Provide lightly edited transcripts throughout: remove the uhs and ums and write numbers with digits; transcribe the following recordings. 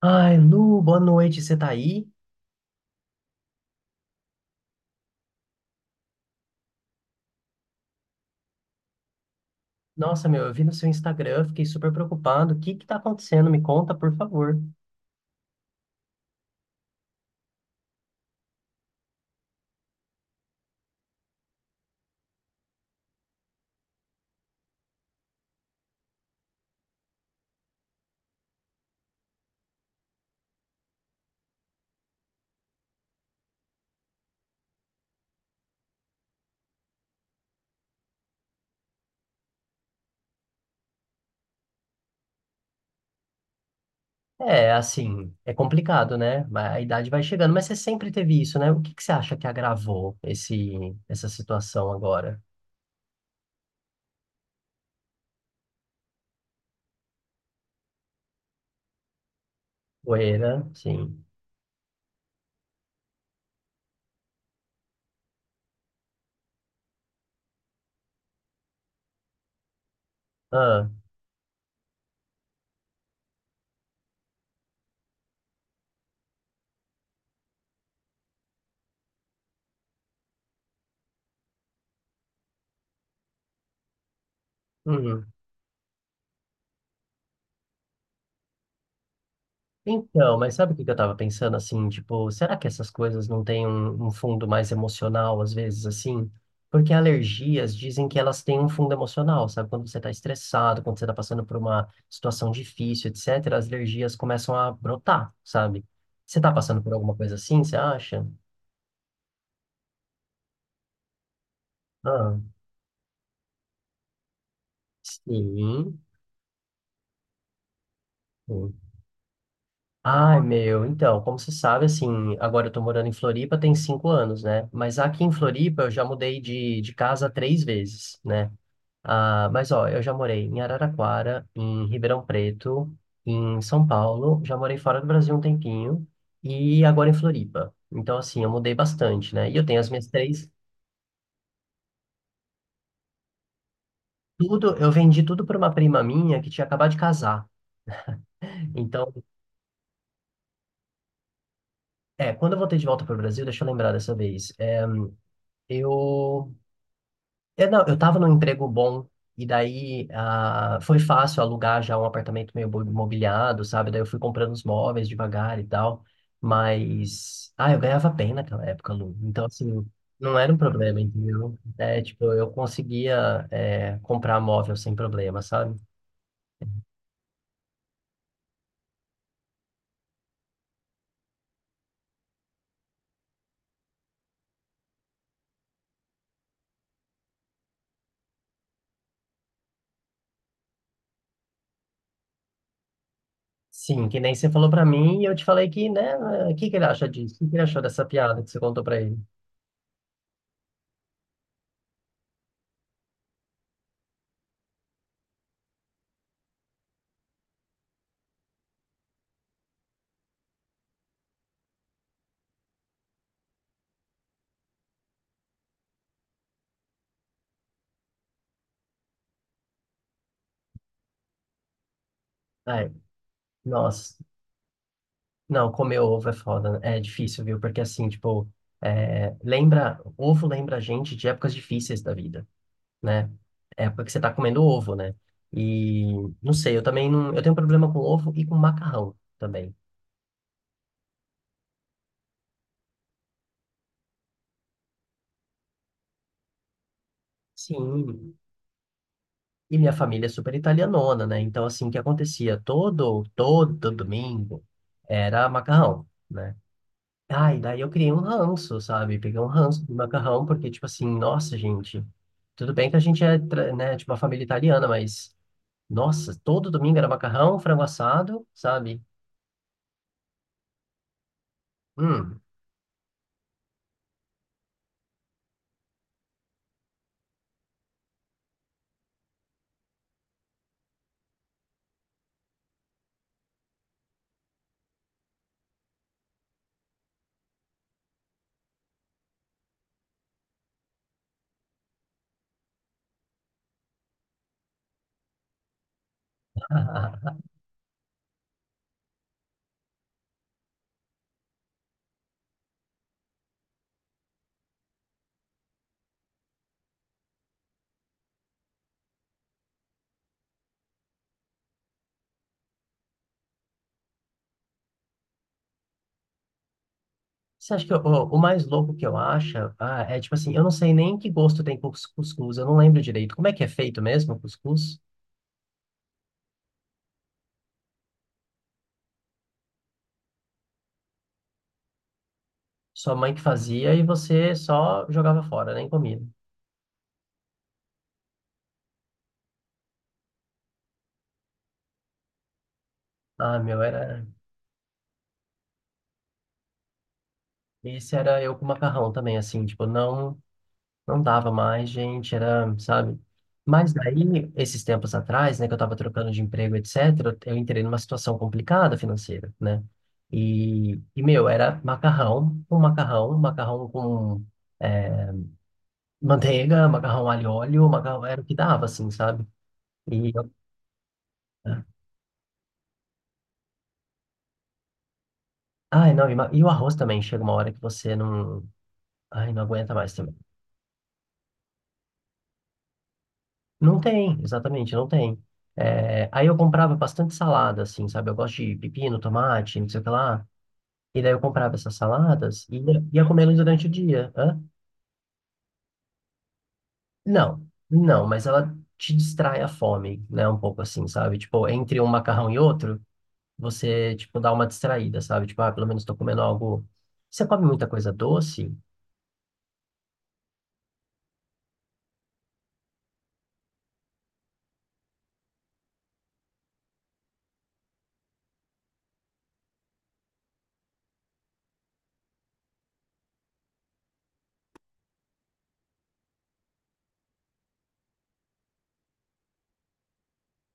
Ai, Lu, boa noite, você tá aí? Nossa, meu, eu vi no seu Instagram, fiquei super preocupado. O que que tá acontecendo? Me conta, por favor. É, assim, é complicado, né? A idade vai chegando, mas você sempre teve isso, né? O que que você acha que agravou essa situação agora? Poeira, sim. Ah, uhum. Então, mas sabe o que que eu tava pensando assim, tipo, será que essas coisas não têm um fundo mais emocional às vezes assim? Porque alergias dizem que elas têm um fundo emocional, sabe? Quando você tá estressado, quando você tá passando por uma situação difícil, etc, as alergias começam a brotar, sabe? Você tá passando por alguma coisa assim, você acha? Ah, sim. Sim. Ai, meu, então, como você sabe, assim, agora eu tô morando em Floripa tem 5 anos, né? Mas aqui em Floripa eu já mudei de casa 3 vezes, né? Ah, mas ó, eu já morei em Araraquara, em Ribeirão Preto, em São Paulo, já morei fora do Brasil um tempinho e agora em Floripa. Então, assim, eu mudei bastante, né? E eu tenho as minhas três. Tudo, eu vendi tudo para uma prima minha que tinha acabado de casar. Então, é, quando eu voltei de volta para o Brasil, deixa eu lembrar dessa vez. É, eu é não, eu tava num emprego bom, e daí ah, foi fácil alugar já um apartamento mobiliado, sabe? Daí eu fui comprando os móveis devagar e tal, mas... Ah, eu ganhava bem naquela época, Lu. Então, assim, não era um problema, entendeu? É, tipo, eu conseguia é, comprar móvel sem problema, sabe? Sim, que nem você falou pra mim, e eu te falei que, né? O que que ele acha disso? O que que ele achou dessa piada que você contou pra ele? Ai, nossa. Não, comer ovo é foda, né? É difícil, viu? Porque assim, tipo, é, lembra, ovo lembra a gente de épocas difíceis da vida, né? Época que você tá comendo ovo, né? E não sei, eu também não, eu tenho problema com ovo e com macarrão também. Sim. E minha família é super italianona, né? Então assim, o que acontecia todo domingo era macarrão, né? Ai, daí eu criei um ranço, sabe? Peguei um ranço de macarrão, porque, tipo assim, nossa, gente, tudo bem que a gente né, tipo, uma família italiana, mas, nossa, todo domingo era macarrão, frango assado, sabe? Hum. Você acha que o mais louco que eu acho, ah, é tipo assim, eu não sei nem que gosto tem cuscuz, eu não lembro direito. Como é que é feito mesmo o cuscuz? Sua mãe que fazia e você só jogava fora, nem comia. Ah, meu, era. Esse era eu com macarrão também, assim, tipo, não. Não dava mais, gente, era, sabe? Mas daí, esses tempos atrás, né, que eu tava trocando de emprego, etc., eu entrei numa situação complicada financeira, né? E meu, era macarrão, um macarrão com eh, manteiga, macarrão alho e óleo, macarrão, era o que dava, assim, sabe? E, ai, não, e o arroz também, chega uma hora que você não, ai, não aguenta mais também. Não tem, exatamente, não tem. É, aí eu comprava bastante salada, assim, sabe? Eu gosto de pepino, tomate, não sei o que lá. E daí eu comprava essas saladas e ia comendo durante o dia. Hã? Não, não, mas ela te distrai a fome, né? Um pouco assim, sabe? Tipo, entre um macarrão e outro, você, tipo, dá uma distraída, sabe? Tipo, ah, pelo menos tô comendo algo. Você come muita coisa doce?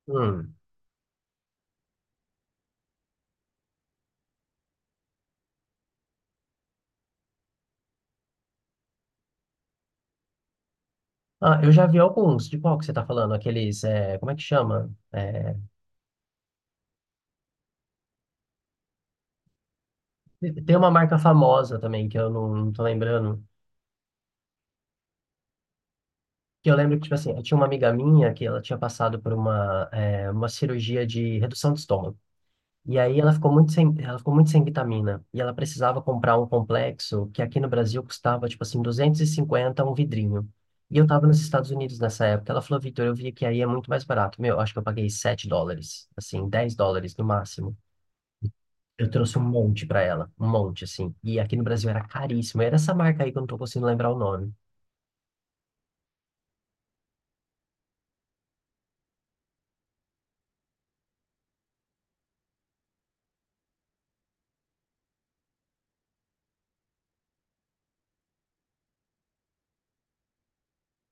Hum. Ah, eu já vi alguns. De qual que você tá falando? Aqueles, é, como é que chama? É, tem uma marca famosa também que eu não tô lembrando. Que eu lembro que, tipo assim, eu tinha uma amiga minha que ela tinha passado por uma cirurgia de redução de estômago. E aí ela ficou muito sem vitamina. E ela precisava comprar um complexo que aqui no Brasil custava, tipo assim, 250 um vidrinho. E eu tava nos Estados Unidos nessa época. Ela falou, Vitor, eu vi que aí é muito mais barato. Meu, acho que eu paguei US$ 7, assim, US$ 10 no máximo. Eu trouxe um monte pra ela, um monte, assim. E aqui no Brasil era caríssimo. Era essa marca aí que eu não tô conseguindo lembrar o nome.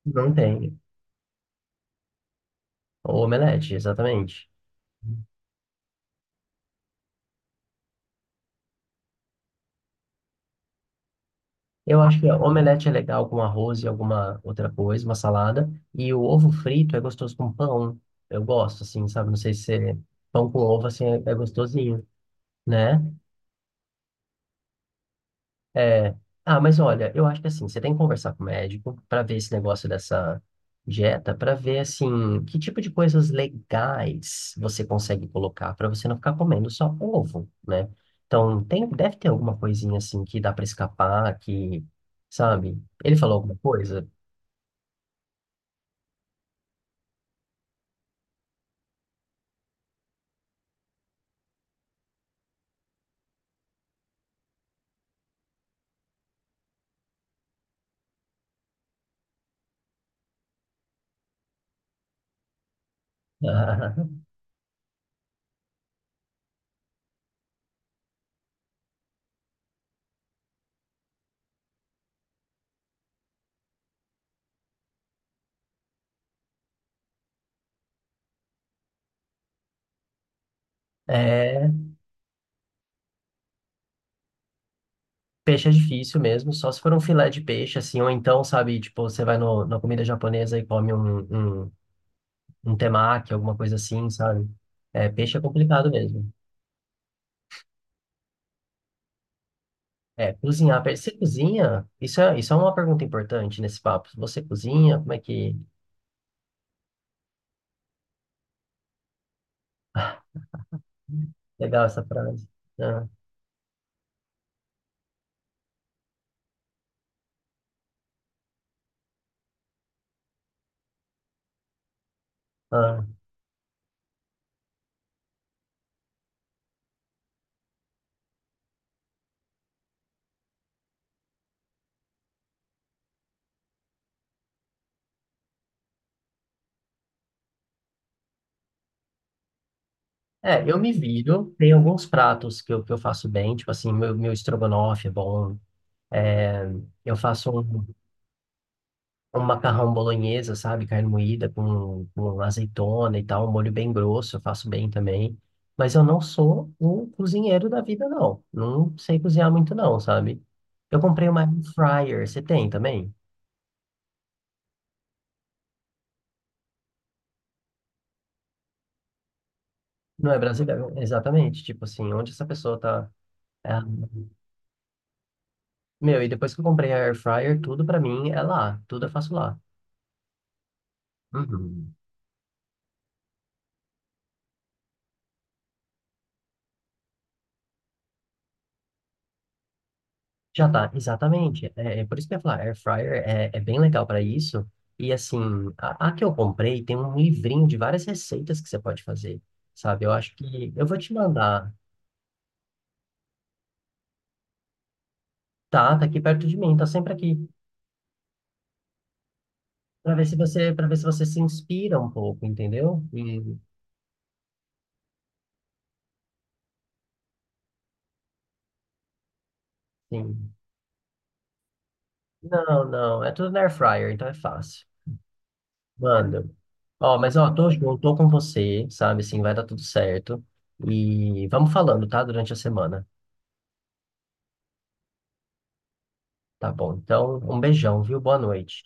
Não tem. O omelete, exatamente. Eu acho que omelete é legal com arroz e alguma outra coisa, uma salada. E o ovo frito é gostoso com pão. Eu gosto, assim, sabe? Não sei se pão com ovo, assim, é, é gostosinho, né? É... Ah, mas olha, eu acho que assim, você tem que conversar com o médico para ver esse negócio dessa dieta, para ver, assim, que tipo de coisas legais você consegue colocar para você não ficar comendo só ovo, né? Então, tem, deve ter alguma coisinha, assim, que dá para escapar, que, sabe? Ele falou alguma coisa? Aham. É, peixe é difícil mesmo, só se for um filé de peixe, assim, ou então, sabe, tipo, você vai no, na comida japonesa e come um temaki, alguma coisa assim, sabe? É, peixe é complicado mesmo. É, cozinhar, você cozinha? Isso é uma pergunta importante nesse papo. Você cozinha? Como é que... Legal essa frase. Ah, ah. É, eu me viro, tem alguns pratos que que eu faço bem, tipo assim, meu estrogonofe é bom, é, eu faço um macarrão bolonhesa, sabe? Carne moída com azeitona e tal, um molho bem grosso, eu faço bem também. Mas eu não sou o cozinheiro da vida, não. Não sei cozinhar muito, não, sabe? Eu comprei uma air fryer, você tem também? Não é brasileiro, exatamente. Tipo assim, onde essa pessoa tá. É, meu, e depois que eu comprei a air fryer, tudo pra mim é lá. Tudo eu faço lá. Uhum. Já tá, exatamente. É, é por isso que eu ia falar, air fryer é, é bem legal para isso. E assim, a que eu comprei tem um livrinho de várias receitas que você pode fazer, sabe? Eu acho que eu vou te mandar. Tá, tá aqui perto de mim, tá sempre aqui, para ver se você, para ver se você se inspira um pouco, entendeu? E, sim. Não, não, é tudo na air fryer, então é fácil. Mando. Ó, mas ó, tô junto, tô com você, sabe? Assim, vai dar tudo certo. E vamos falando, tá? Durante a semana. Tá bom. Então, um beijão, viu? Boa noite.